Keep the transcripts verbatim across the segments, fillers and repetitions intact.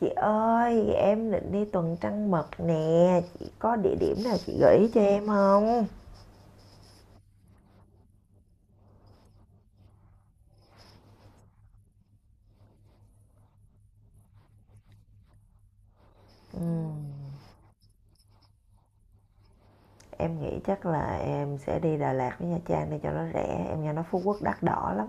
Chị ơi, em định đi tuần trăng mật nè, chị có địa điểm nào chị gợi ý cho em không? Ừm, em nghĩ chắc là em sẽ đi Đà Lạt với Nha Trang để cho nó rẻ, em nghe nói Phú Quốc đắt đỏ lắm.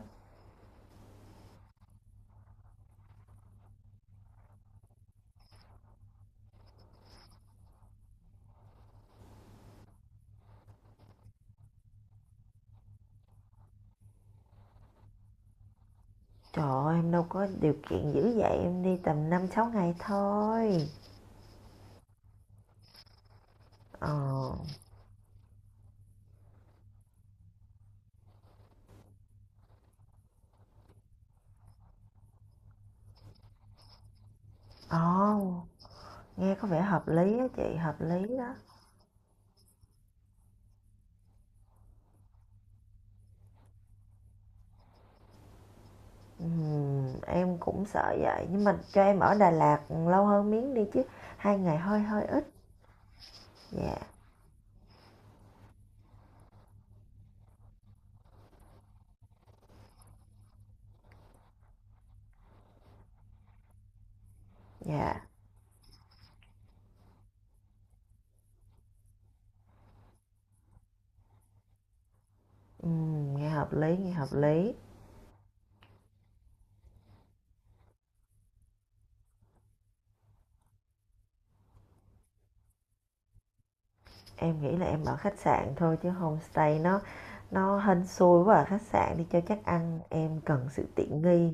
Trời ơi, em đâu có điều kiện dữ vậy, em đi tầm năm sáu ngày thôi. Ờ, ồ, nghe có vẻ hợp lý á chị, hợp lý đó. Ừm, em cũng sợ vậy, nhưng mà cho em ở Đà Lạt lâu hơn miếng đi chứ, hai ngày hơi hơi ít. Dạ, dạ. Ừm, nghe hợp lý, nghe hợp lý. Em nghĩ là em ở khách sạn thôi chứ homestay nó nó hên xui quá, ở khách sạn đi cho chắc ăn, em cần sự tiện nghi.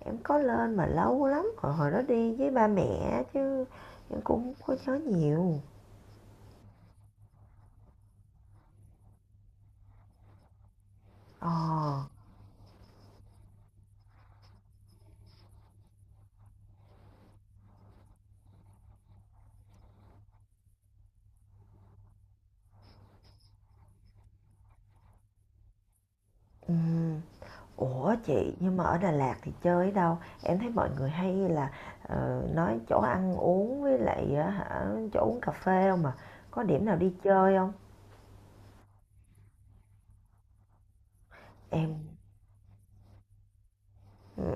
Em có lên mà lâu lắm, hồi hồi đó đi với ba mẹ chứ em cũng không có nhớ nhiều. Ờ, ừm. Ủa chị, nhưng mà ở Đà Lạt thì chơi ở đâu? Em thấy mọi người hay là ờ, nói chỗ ăn uống với lại ờ, hả chỗ uống cà phê không mà. Có điểm nào đi chơi không? Em, ừ.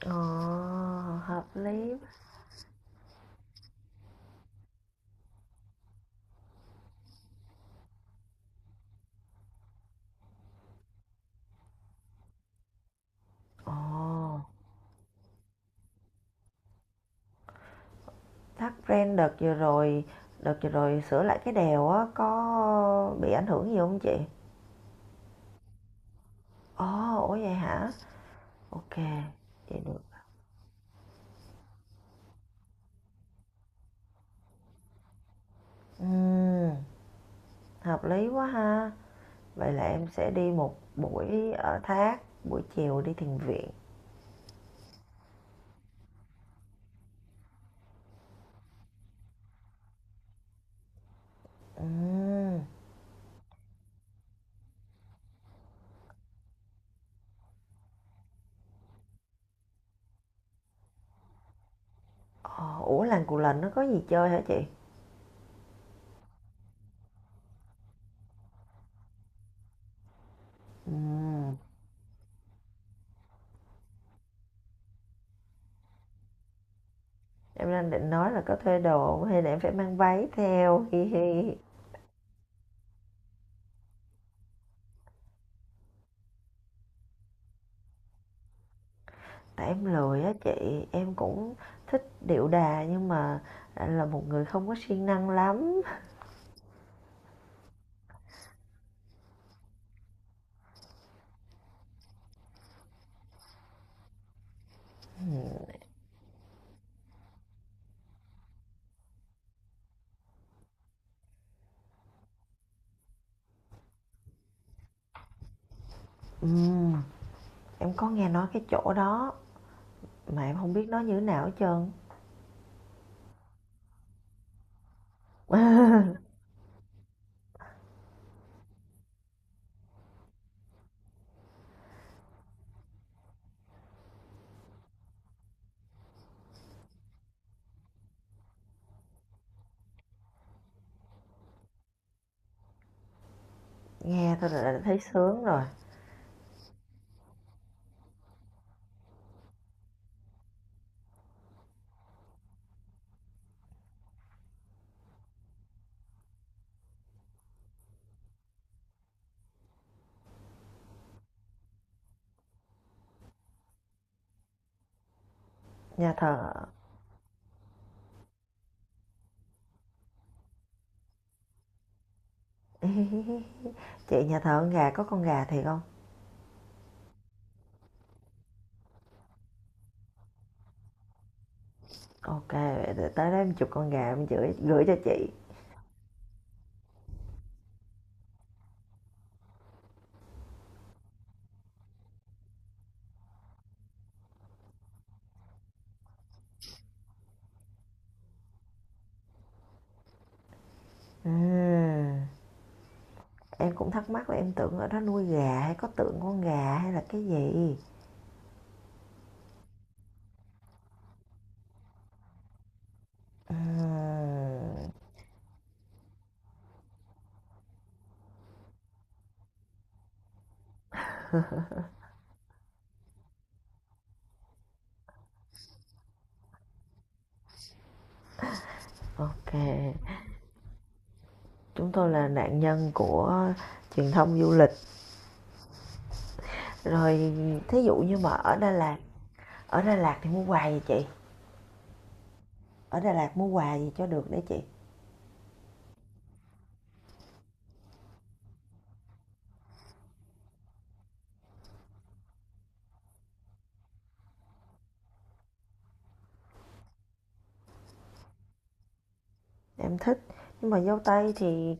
Ờ, hợp lý. Ồ, thắt ren đợt vừa rồi, đợt vừa rồi sửa lại cái đèo á có bị ảnh hưởng gì không chị? Ồ, ủa vậy hả? OK, vậy được. Ừm, hợp lý quá ha. Vậy là em sẽ đi một buổi ở Thác, buổi chiều đi thiền viện. Ừm, ờ, ủa làng Cù Lần nó có gì chơi hả chị? Ừm, em đang định nói là có thuê đồ hông hay là em phải mang váy theo. Hi hi. Tại em lười á chị, em cũng thích điệu đà nhưng mà là một người không có siêng năng lắm. Ừm, em có nghe nói cái chỗ đó, mà em không biết nó như thế nào hết trơn. Nghe thôi là đã thấy sướng rồi. Nhà thờ Chị, nhà thờ con gà có con gà thiệt không? OK, để tới đó em chụp con gà em gửi gửi cho chị. Ừm, em cũng thắc mắc là em tưởng ở đó nuôi gà hay có tượng con gà hay là cái gì. Ừm, OK, chúng tôi là nạn nhân của truyền thông du lịch. Rồi, thí dụ như mà ở đà lạt ở Đà Lạt thì mua quà gì chị? Ở Đà Lạt mua quà gì cho được để chị? Em thích, nhưng mà dâu tây thì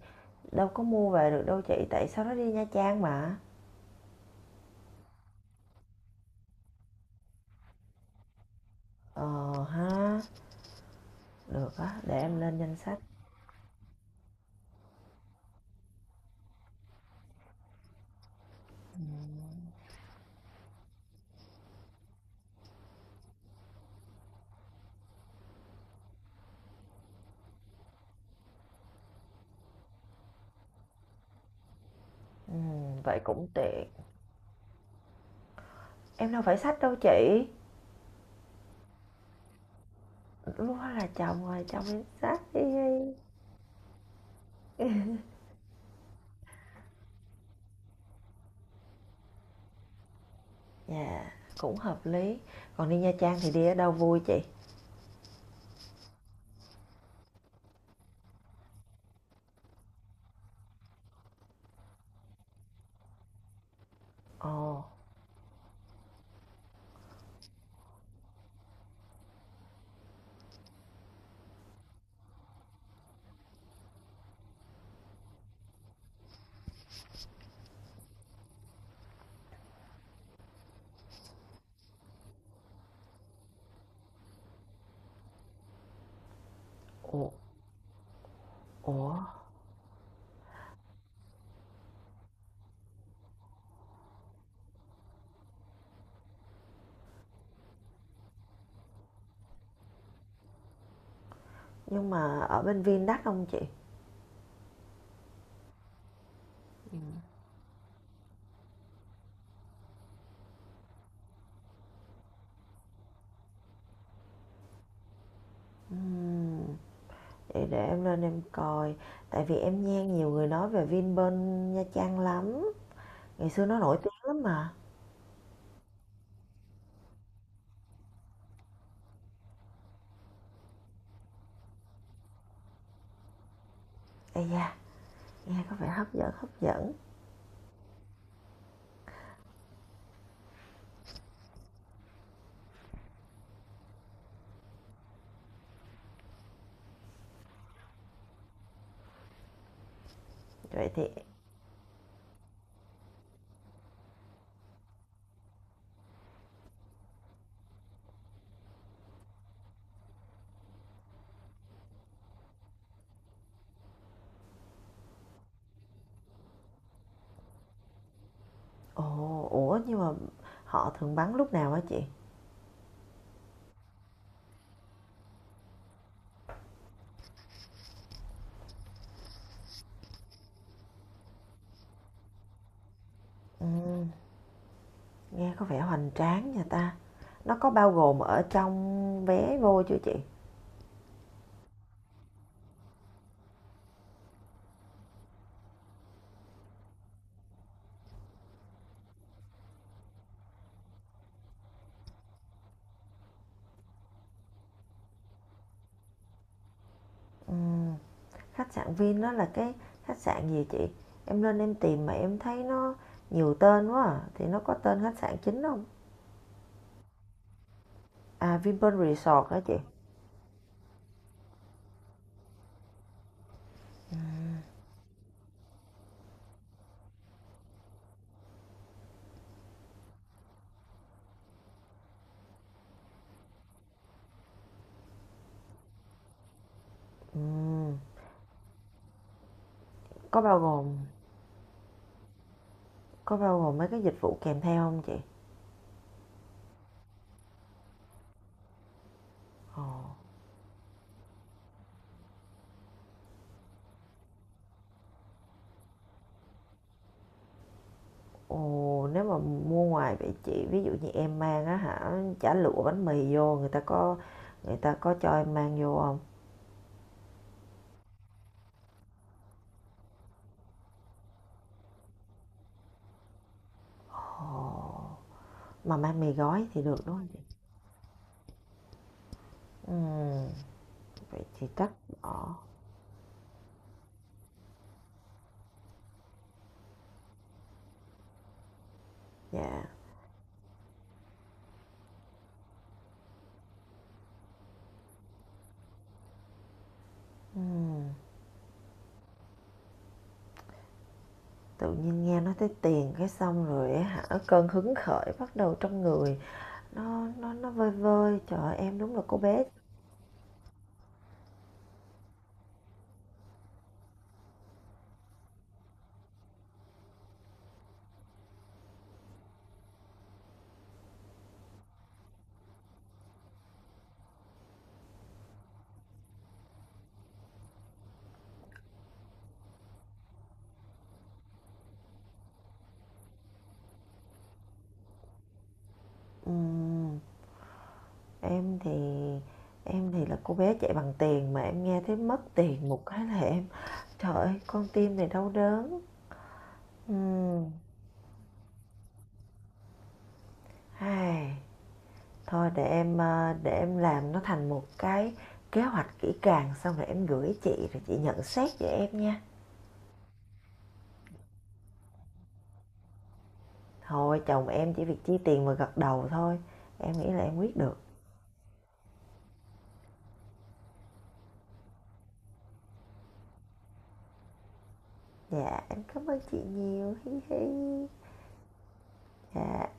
đâu có mua về được đâu chị, tại sau đó đi Nha Trang mà. Ờ ha, được á, để em lên danh sách. Ừ, vậy cũng tiện. Em đâu phải sách đâu chị. Lúc đó là chồng rồi, chồng đi sách đi. Dạ, cũng hợp lý. Còn đi Nha Trang thì đi ở đâu vui chị? Ồ. Ủa, ủa. Nhưng mà ở bên Vin đắt không chị? Ừm, vậy để em lên em coi, tại vì em nghe nhiều người nói về Vin bên Nha Trang lắm, ngày xưa nó nổi tiếng lắm mà. Ây da, nghe có vẻ hấp dẫn, hấp dẫn. Vậy thì Ồ, ủa nhưng mà họ thường bắn lúc nào hả chị? Ừm, nghe có vẻ hoành tráng nha ta. Nó có bao gồm ở trong vé vô chưa chị? Ừm. Khách sạn Vin đó là cái khách sạn gì chị? Em lên em tìm mà em thấy nó nhiều tên quá à. Thì nó có tên khách sạn chính không? À, Vinpearl Resort hả chị? Ừm, có bao gồm có bao gồm mấy cái dịch vụ kèm theo không chị? Ồ. Ồ, nếu mà mua ngoài vậy chị, ví dụ như em mang á hả chả lụa bánh mì vô, người ta có người ta có cho em mang vô không? Ồ, mà mang mì gói thì được đúng không chị? Ừm, vậy thì chắc bỏ. Dạ. Ừm. Tự nhiên nghe nói tới tiền cái xong rồi á hả, cơn hứng khởi bắt đầu trong người nó nó nó vơi vơi, trời ơi, em đúng là cô bé. Ừm, em thì em thì là cô bé chạy bằng tiền, mà em nghe thấy mất tiền một cái là em trời ơi, con tim này đau đớn. Ừ. Ai, thôi để em ờ, để em làm nó thành một cái kế hoạch kỹ càng, xong rồi em gửi chị rồi chị nhận xét cho em nha. Thôi chồng em chỉ việc chi tiền và gật đầu thôi, em nghĩ là em quyết được. Dạ, em cảm ơn chị nhiều. Hi hi. Dạ.